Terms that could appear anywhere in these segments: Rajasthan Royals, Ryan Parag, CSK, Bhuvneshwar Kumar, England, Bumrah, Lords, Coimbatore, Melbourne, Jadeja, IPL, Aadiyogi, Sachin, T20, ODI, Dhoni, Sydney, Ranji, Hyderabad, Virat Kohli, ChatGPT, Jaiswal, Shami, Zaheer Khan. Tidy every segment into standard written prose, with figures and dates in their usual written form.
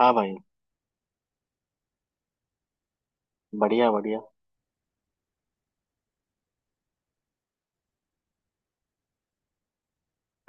हाँ भाई। बढ़िया बढ़िया।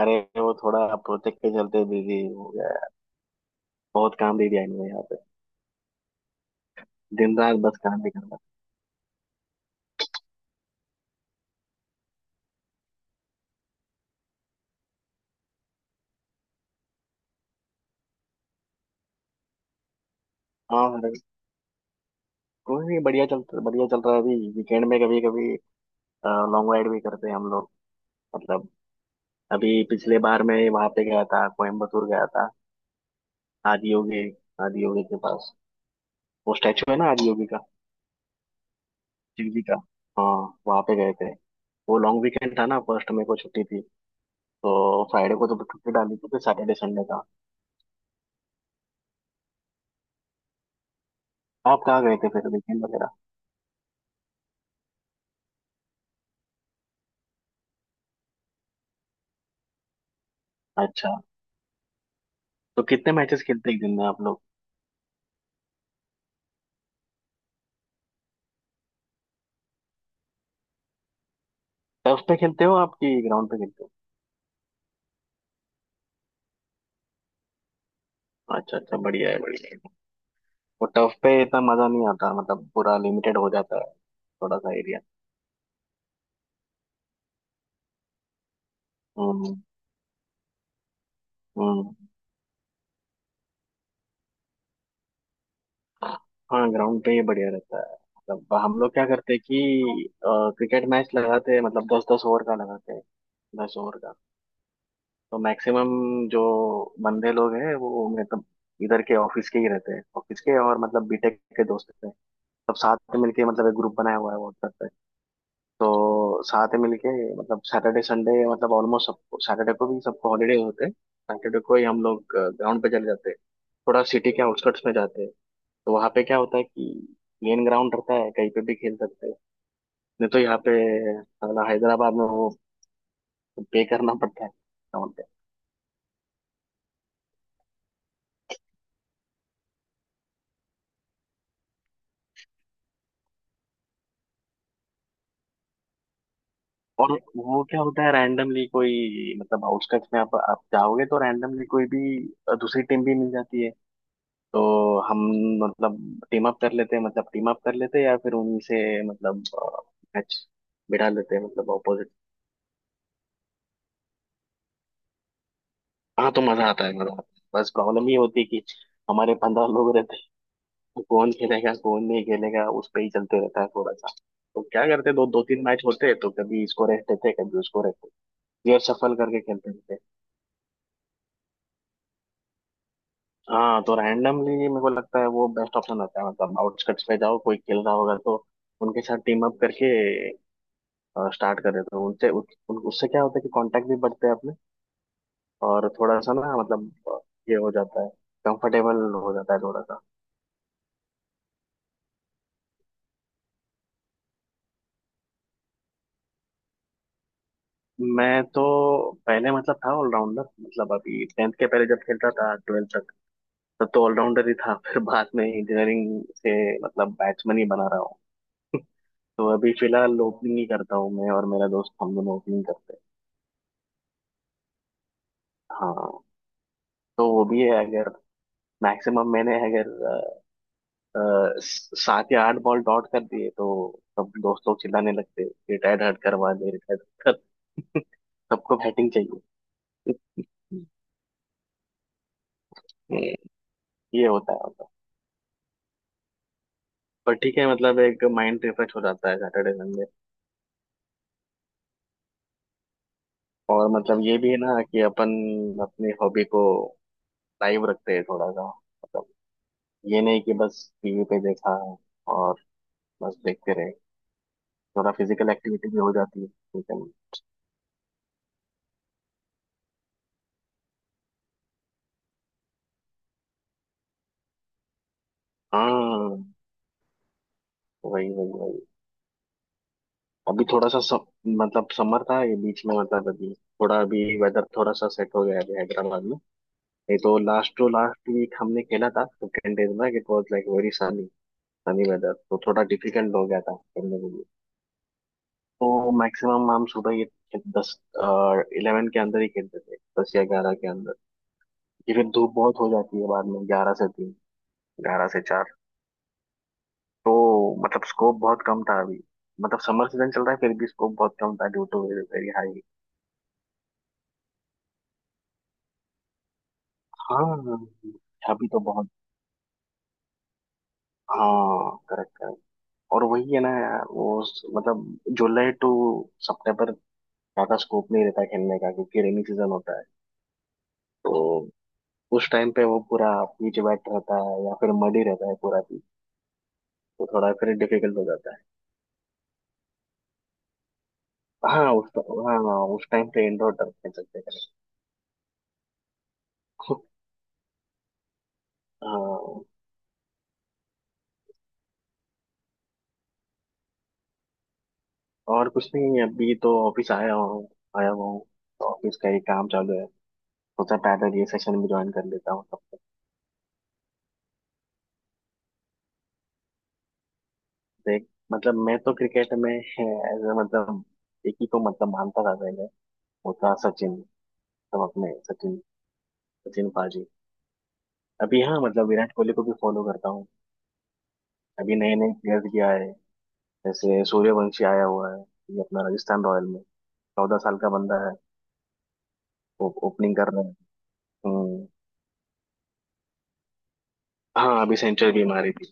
अरे वो थोड़ा प्रोजेक्ट के चलते बिजी हो गया है। बहुत काम दे दिया इन्होंने यहाँ पे। दिन रात बस काम ही करना। हाँ अरे कोई नहीं, बढ़िया चल रहा है। अभी वीकेंड में कभी कभी लॉन्ग राइड भी करते हैं हम लोग। मतलब अभी पिछले बार मैं वहां पे गया था, कोयम्बतूर गया था। आदियोगी आदियोगी के पास, वो स्टैचू है ना आदियोगी का, शिव जी का। हाँ वहाँ पे गए थे। वो लॉन्ग वीकेंड था ना, फर्स्ट मेरे को छुट्टी थी। तो फ्राइडे को तो छुट्टी डाली थी, फिर सैटरडे संडे था। आप कहाँ गए थे फिर वीकेंड वगैरह? अच्छा। तो कितने मैचेस खेलते हैं एक दिन में आप लोग? टर्फ पे खेलते हो आपकी ग्राउंड पे खेलते हो? अच्छा अच्छा, बढ़िया है बढ़िया है। वो टर्फ पे इतना मजा नहीं आता, मतलब पूरा लिमिटेड हो जाता है थोड़ा सा एरिया। हम्म। हम्म। हाँ ग्राउंड पे ये बढ़िया रहता है। मतलब हम लोग क्या करते हैं कि क्रिकेट मैच लगाते हैं, मतलब दस दस ओवर का लगाते हैं। 10 ओवर का। तो मैक्सिमम जो बंदे लोग हैं वो, मतलब इधर के ऑफिस के ही रहते हैं, ऑफिस के और मतलब बीटेक के दोस्त हैं। सब साथ में मिलके मतलब एक ग्रुप बनाया हुआ है व्हाट्सएप। तो साथ में मिलके, मतलब सैटरडे संडे मतलब ऑलमोस्ट सबको, सैटरडे को भी सबको हॉलीडे होते हैं, सैटरडे को ही हम लोग ग्राउंड पे चले जाते हैं। थोड़ा सिटी के आउटस्कर्ट्स में जाते हैं। तो वहाँ पे क्या होता है कि मेन ग्राउंड रहता है, कहीं पे भी खेल सकते हैं। नहीं तो यहाँ पे, साला, हैदराबाद में वो पे करना पड़ता है ग्राउंड पे। और वो क्या होता है, रैंडमली कोई, मतलब आउटस्कर्ट्स में आप जाओगे तो रैंडमली कोई भी दूसरी टीम भी मिल जाती है। तो हम, मतलब टीम अप कर लेते हैं मतलब टीम अप कर लेते हैं, या फिर उन्हीं से मतलब मैच बिठा लेते हैं, मतलब ऑपोजिट। हाँ तो मजा आता है, मजा आता है। बस प्रॉब्लम ये होती है कि हमारे 15 लोग रहते हैं। तो कौन खेलेगा कौन नहीं खेलेगा उस पे ही चलते रहता है थोड़ा सा। तो क्या करते हैं, दो दो तीन मैच होते हैं तो कभी इसको रेस्ट देते हैं कभी उसको रेस्ट देते हैं, ये सफल करके खेलते रहते हैं। हाँ तो रैंडमली मेरे को लगता है वो बेस्ट ऑप्शन होता है। मतलब आउटस्कट्स पे जाओ, कोई खेल रहा होगा तो उनके साथ टीम अप करके स्टार्ट करें, तो उससे क्या होता है कि कांटेक्ट भी बढ़ते हैं अपने। और थोड़ा सा ना, मतलब ये हो जाता है, कंफर्टेबल हो जाता है थोड़ा सा। मैं तो पहले मतलब था ऑलराउंडर, मतलब अभी टेंथ के पहले जब खेलता था, ट्वेल्थ तक तब तो ऑलराउंडर ही था। फिर बाद में इंजीनियरिंग से मतलब बैट्समैन ही बना रहा हूँ। तो अभी फिलहाल ओपनिंग ही करता हूँ मैं और मेरा दोस्त, हम दोनों ओपनिंग करते हैं। हाँ तो वो भी है, अगर मैक्सिमम मैंने अगर अ, सात या आठ बॉल डॉट कर दिए तो सब दोस्त लोग चिल्लाने लगते, रिटायर्ड हट करवा दे, रिटायर्ड हट कर। सबको बैटिंग चाहिए। हम्म, ये होता है मतलब। पर ठीक है, मतलब एक माइंड रिफ्रेश हो जाता है सैटरडे संडे। और मतलब ये भी है ना कि अपन अपनी हॉबी को लाइव रखते हैं थोड़ा सा, मतलब ये नहीं कि बस टीवी पे देखा और बस देखते रहे। थोड़ा फिजिकल एक्टिविटी भी हो जाती है, ठीक है। हाँ वही वही वही। अभी थोड़ा सा मतलब समर था ये बीच में, मतलब अभी थोड़ा, अभी वेदर थोड़ा सा सेट हो गया है अभी हैदराबाद में। नहीं तो लास्ट टू लास्ट वीक हमने खेला था, फिफ्टीन डेज में it was like very sunny. Sunny weather तो थोड़ा डिफिकल्ट हो गया था खेलने के लिए। तो मैक्सिमम हम सुबह ये दस इलेवन के अंदर ही खेलते थे, दस या ग्यारह के अंदर। ये फिर धूप बहुत हो जाती है बाद में, ग्यारह से तीन, ग्यारह से चार। तो मतलब स्कोप बहुत कम था अभी, मतलब समर सीजन चल रहा है फिर भी स्कोप बहुत कम था ड्यू टू वेरी हाई। हाँ अभी तो बहुत। हाँ करेक्ट करेक्ट। और वही है ना यार वो मतलब जुलाई टू सितंबर ज्यादा स्कोप नहीं रहता खेलने का, क्योंकि रेनी सीजन होता है। तो उस टाइम पे वो पूरा पीच वेट रहता है या फिर मडी रहता है पूरा पीच, तो थोड़ा फिर डिफिकल्ट हो जाता है। उस टाइम पे इंडोर टर्फ खेल सकते हैं। correct। हाँ और कुछ नहीं, अभी तो ऑफिस आया हूँ आया हुआ हूँ, तो ऑफिस का ही काम चालू है। सोचा पैदल ये सेशन भी ज्वाइन कर लेता हूँ। देख, मतलब मैं तो क्रिकेट में एज, मतलब एक ही को मतलब मानता था पहले। वो था सचिन, सब अपने सचिन, सचिन पाजी। अभी हाँ, मतलब विराट कोहली को भी फॉलो करता हूँ। अभी नए नए प्लेयर्स भी आए हैं। जैसे सूर्यवंशी आया हुआ है, ये अपना राजस्थान रॉयल में। 14 साल का बंदा है, वो ओपनिंग कर रहा है। हम्म। हाँ अभी सेंचुरी भी मारी थी,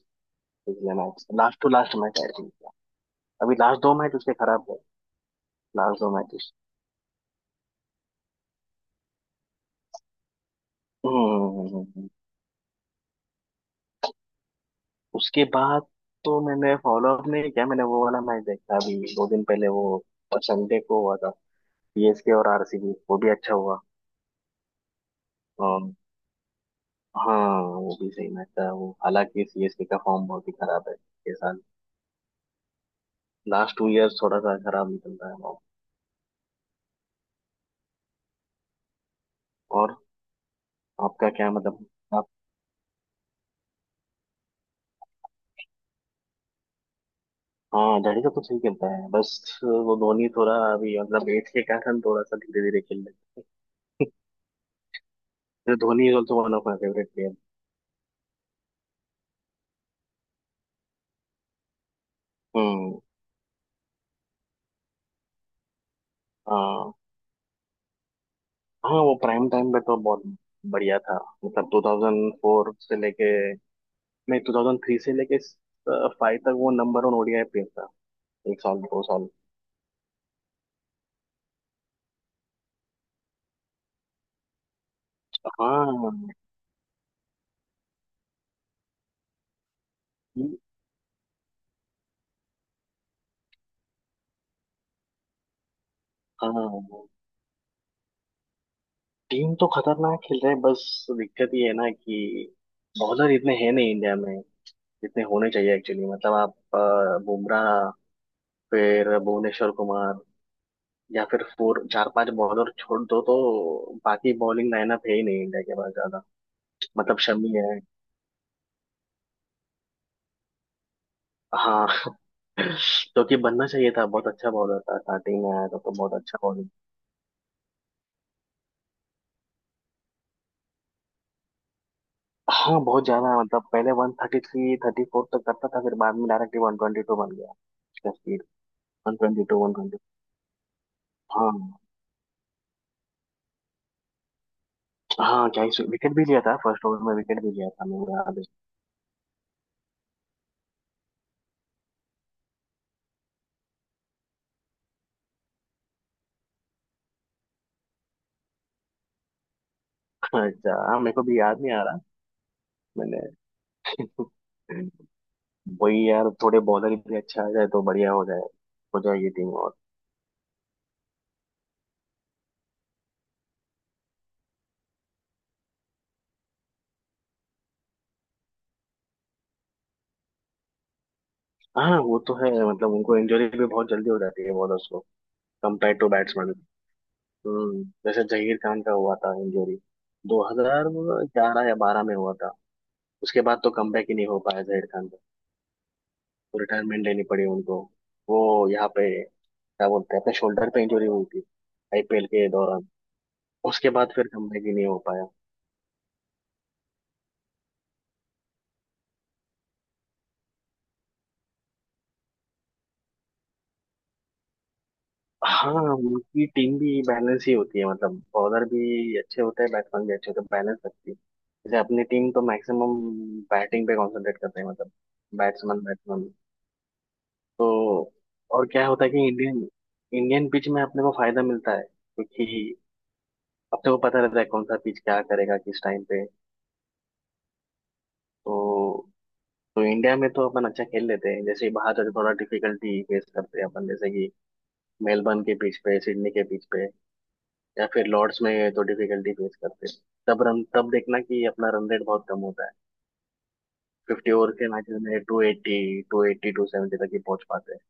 पिछले match, last to last match आई थी। अभी लास्ट दो मैच उसके खराब गए, लास्ट दो मैच। हम्म हम्म, हम्म, हम्म, हम्म। उसके बाद तो मैंने फॉलो अप नहीं किया। मैंने वो वाला मैच देखा अभी दो दिन पहले, वो संडे को हुआ था, सीएसके और आरसीबी, वो भी अच्छा हुआ। अम, हाँ वो भी सही मैच था वो, हालांकि सीएसके का फॉर्म बहुत ही खराब है ये साल। लास्ट टू इयर्स थोड़ा सा खराब निकल रहा है form। और आपका क्या मतलब, आप? हाँ जडेजा तो सही खेलता है, बस वो धोनी थोड़ा अभी, मतलब एज के कारण थोड़ा सा धीरे धीरे खेल रहे हैं। तो Dhoni is also one of my favourite player. Hmm. हाँ हाँ, वो प्राइम टाइम पे तो बहुत बढ़िया था। मतलब 2004 से लेके, नहीं 2003 से लेके फाइव तक वो नंबर वन ओडीआई प्लेयर था, एक साल दो साल। हाँ। टीम- हाँ टीम तो खतरनाक खेल रहे है, बस दिक्कत ये है ना कि बॉलर इतने हैं नहीं इंडिया में जितने होने चाहिए एक्चुअली। मतलब आप बुमराह, फिर भुवनेश्वर कुमार, या फिर फोर चार पांच बॉलर छोड़ दो तो बाकी बॉलिंग लाइनअप है ही नहीं इंडिया के पास ज्यादा। मतलब शमी है। हाँ जो कि बनना चाहिए था, बहुत अच्छा बॉलर था, स्टार्टिंग में आया था तो बहुत अच्छा बॉलिंग। हाँ बहुत ज्यादा, मतलब पहले one thirty three thirty four तक करता था, फिर बाद में डायरेक्टली वन ट्वेंटी टू बन गया उसका speed, one twenty two one twenty. हाँ हाँ क्या, विकेट भी लिया था फर्स्ट ओवर में, विकेट भी लिया था मेरे याद है। अच्छा हाँ, मेरे को भी याद नहीं आ रहा। मैंने वही यार, थोड़े बॉलर भी अच्छे आ जाए तो बढ़िया हो जाए, हो जाए ये टीम और। हाँ वो तो है, मतलब उनको इंजरी भी बहुत जल्दी हो जाती है बॉलर्स को, कंपेयर टू बैट्समैन। जैसे जहीर खान का हुआ था इंजरी, 2011 या 12 में हुआ था। उसके बाद तो कमबैक ही नहीं हो पाया जहीर खान का, तो रिटायरमेंट लेनी पड़ी उनको। वो यहाँ पे क्या बोलते हैं, अपने शोल्डर पे इंजरी हुई थी आईपीएल के दौरान, उसके बाद फिर कमबैक ही नहीं हो पाया। हाँ उनकी टीम भी बैलेंस ही होती है, मतलब बॉलर भी अच्छे होते हैं, बैट्समैन भी अच्छे होते हैं, बैलेंस रखती है। जैसे अपनी टीम तो मैक्सिमम बैटिंग पे कॉन्सेंट्रेट करते हैं, मतलब बैट्समैन बैट्समैन। तो और क्या होता है कि इंडियन इंडियन पिच में अपने को फायदा मिलता है, क्योंकि अपने को पता रहता है कौन सा पिच क्या करेगा किस टाइम पे। तो तो इंडिया में तो अपन अच्छा खेल लेते हैं, जैसे बाहर जाते थोड़ा डिफिकल्टी फेस करते हैं अपन, जैसे कि मेलबर्न के पिच पे, सिडनी के पिच पे, या फिर लॉर्ड्स में तो डिफिकल्टी फेस करते हैं। तब रन, तब देखना कि अपना रन रेट बहुत कम होता है। 50 ओवर के मैचेस में टू एट्टी टू सेवेंटी तक ही पहुंच पाते हैं।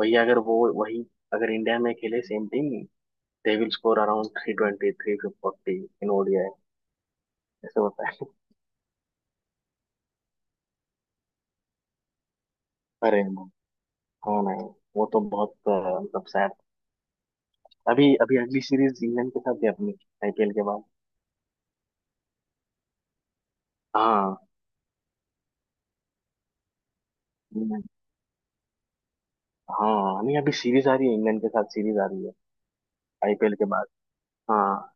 वही अगर इंडिया में खेले same team, they will score around 320 340 in ODI, ऐसे होता है। अरे no, हाँ नहीं, वो तो बहुत मतलब sad। अभी अभी अगली सीरीज इंग्लैंड के साथ है अपनी, आईपीएल के बाद। हाँ। हम्म, हाँ नहीं अभी सीरीज आ रही है, इंग्लैंड के साथ सीरीज आ रही है आईपीएल के बाद। हाँ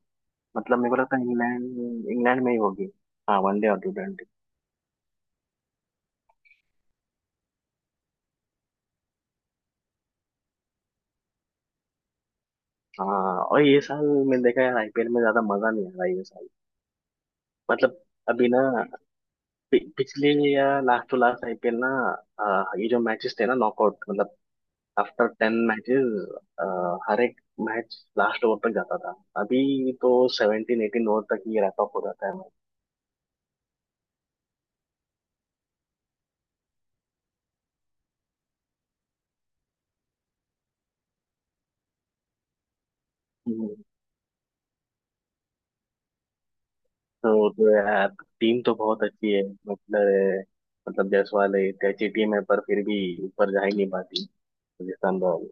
मतलब मेरे को लगता है इंग्लैंड इंग्लैंड में ही होगी। हाँ वनडे और टी ट्वेंटी। हाँ और ये साल मैंने देखा है आईपीएल में ज्यादा मजा नहीं आ रहा है ये साल। मतलब अभी ना पिछले या लास्ट टू लास्ट आईपीएल ना, ये जो मैचेस थे ना नॉकआउट, मतलब आफ्टर टेन मैचेस हर एक मैच लास्ट ओवर तक जाता था। अभी तो सेवनटीन एटीन ओवर तक ये रैप अप हो जाता है मैच। हम्म। तो यार टीम तो बहुत अच्छी है, मतलब जायसवाल है, एक अच्छी टीम है पर फिर भी ऊपर जा ही नहीं पाती, राजस्थान रॉयल।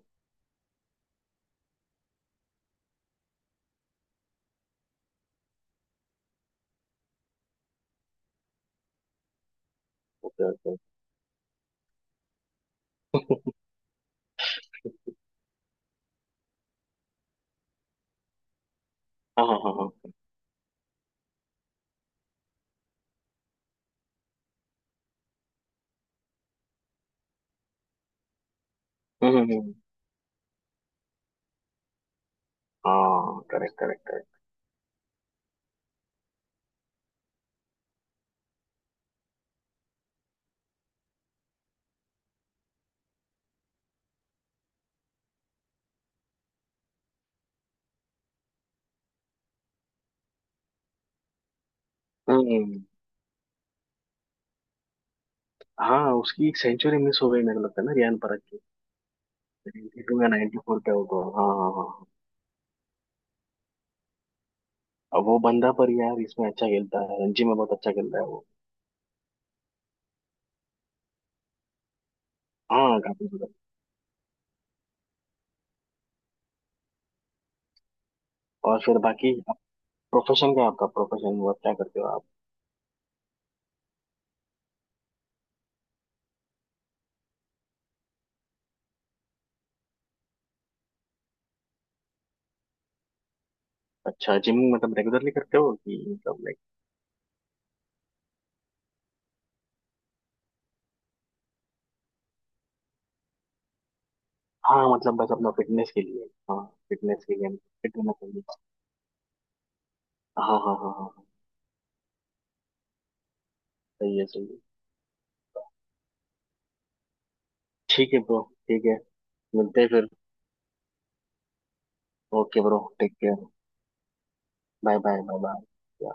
Okay okay. हाँ हाँ हाँ हाँ। हम्म हम्म, हम्म। हाँ करेक्ट करेक्ट करेक्ट। हम्म हम्म। हाँ उसकी एक सेंचुरी मिस हो गई मेरे को लगता है ना, रियान परत की, 92 या 94 पे हो तो, हाँ हाँ हाँ। अब वो बंदा पर यार इसमें अच्छा खेलता है, रणजी में बहुत अच्छा खेलता है वो। हाँ काफी ज्यादा। और फिर बाकी आप प्रोफेशन क्या है आपका, प्रोफेशन वो क्या करते हो आप? अच्छा जिम मतलब रेगुलरली करते हो कि मतलब लाइक? हाँ मतलब बस अपना फिटनेस के लिए। हाँ फिटनेस के लिए, फिट होना चाहिए। हाँ हाँ हाँ हाँ हाँ, सही है सही है। ठीक है ब्रो, ठीक है। मिलते हैं फिर। Okay bro, take care. Bye bye, bye bye.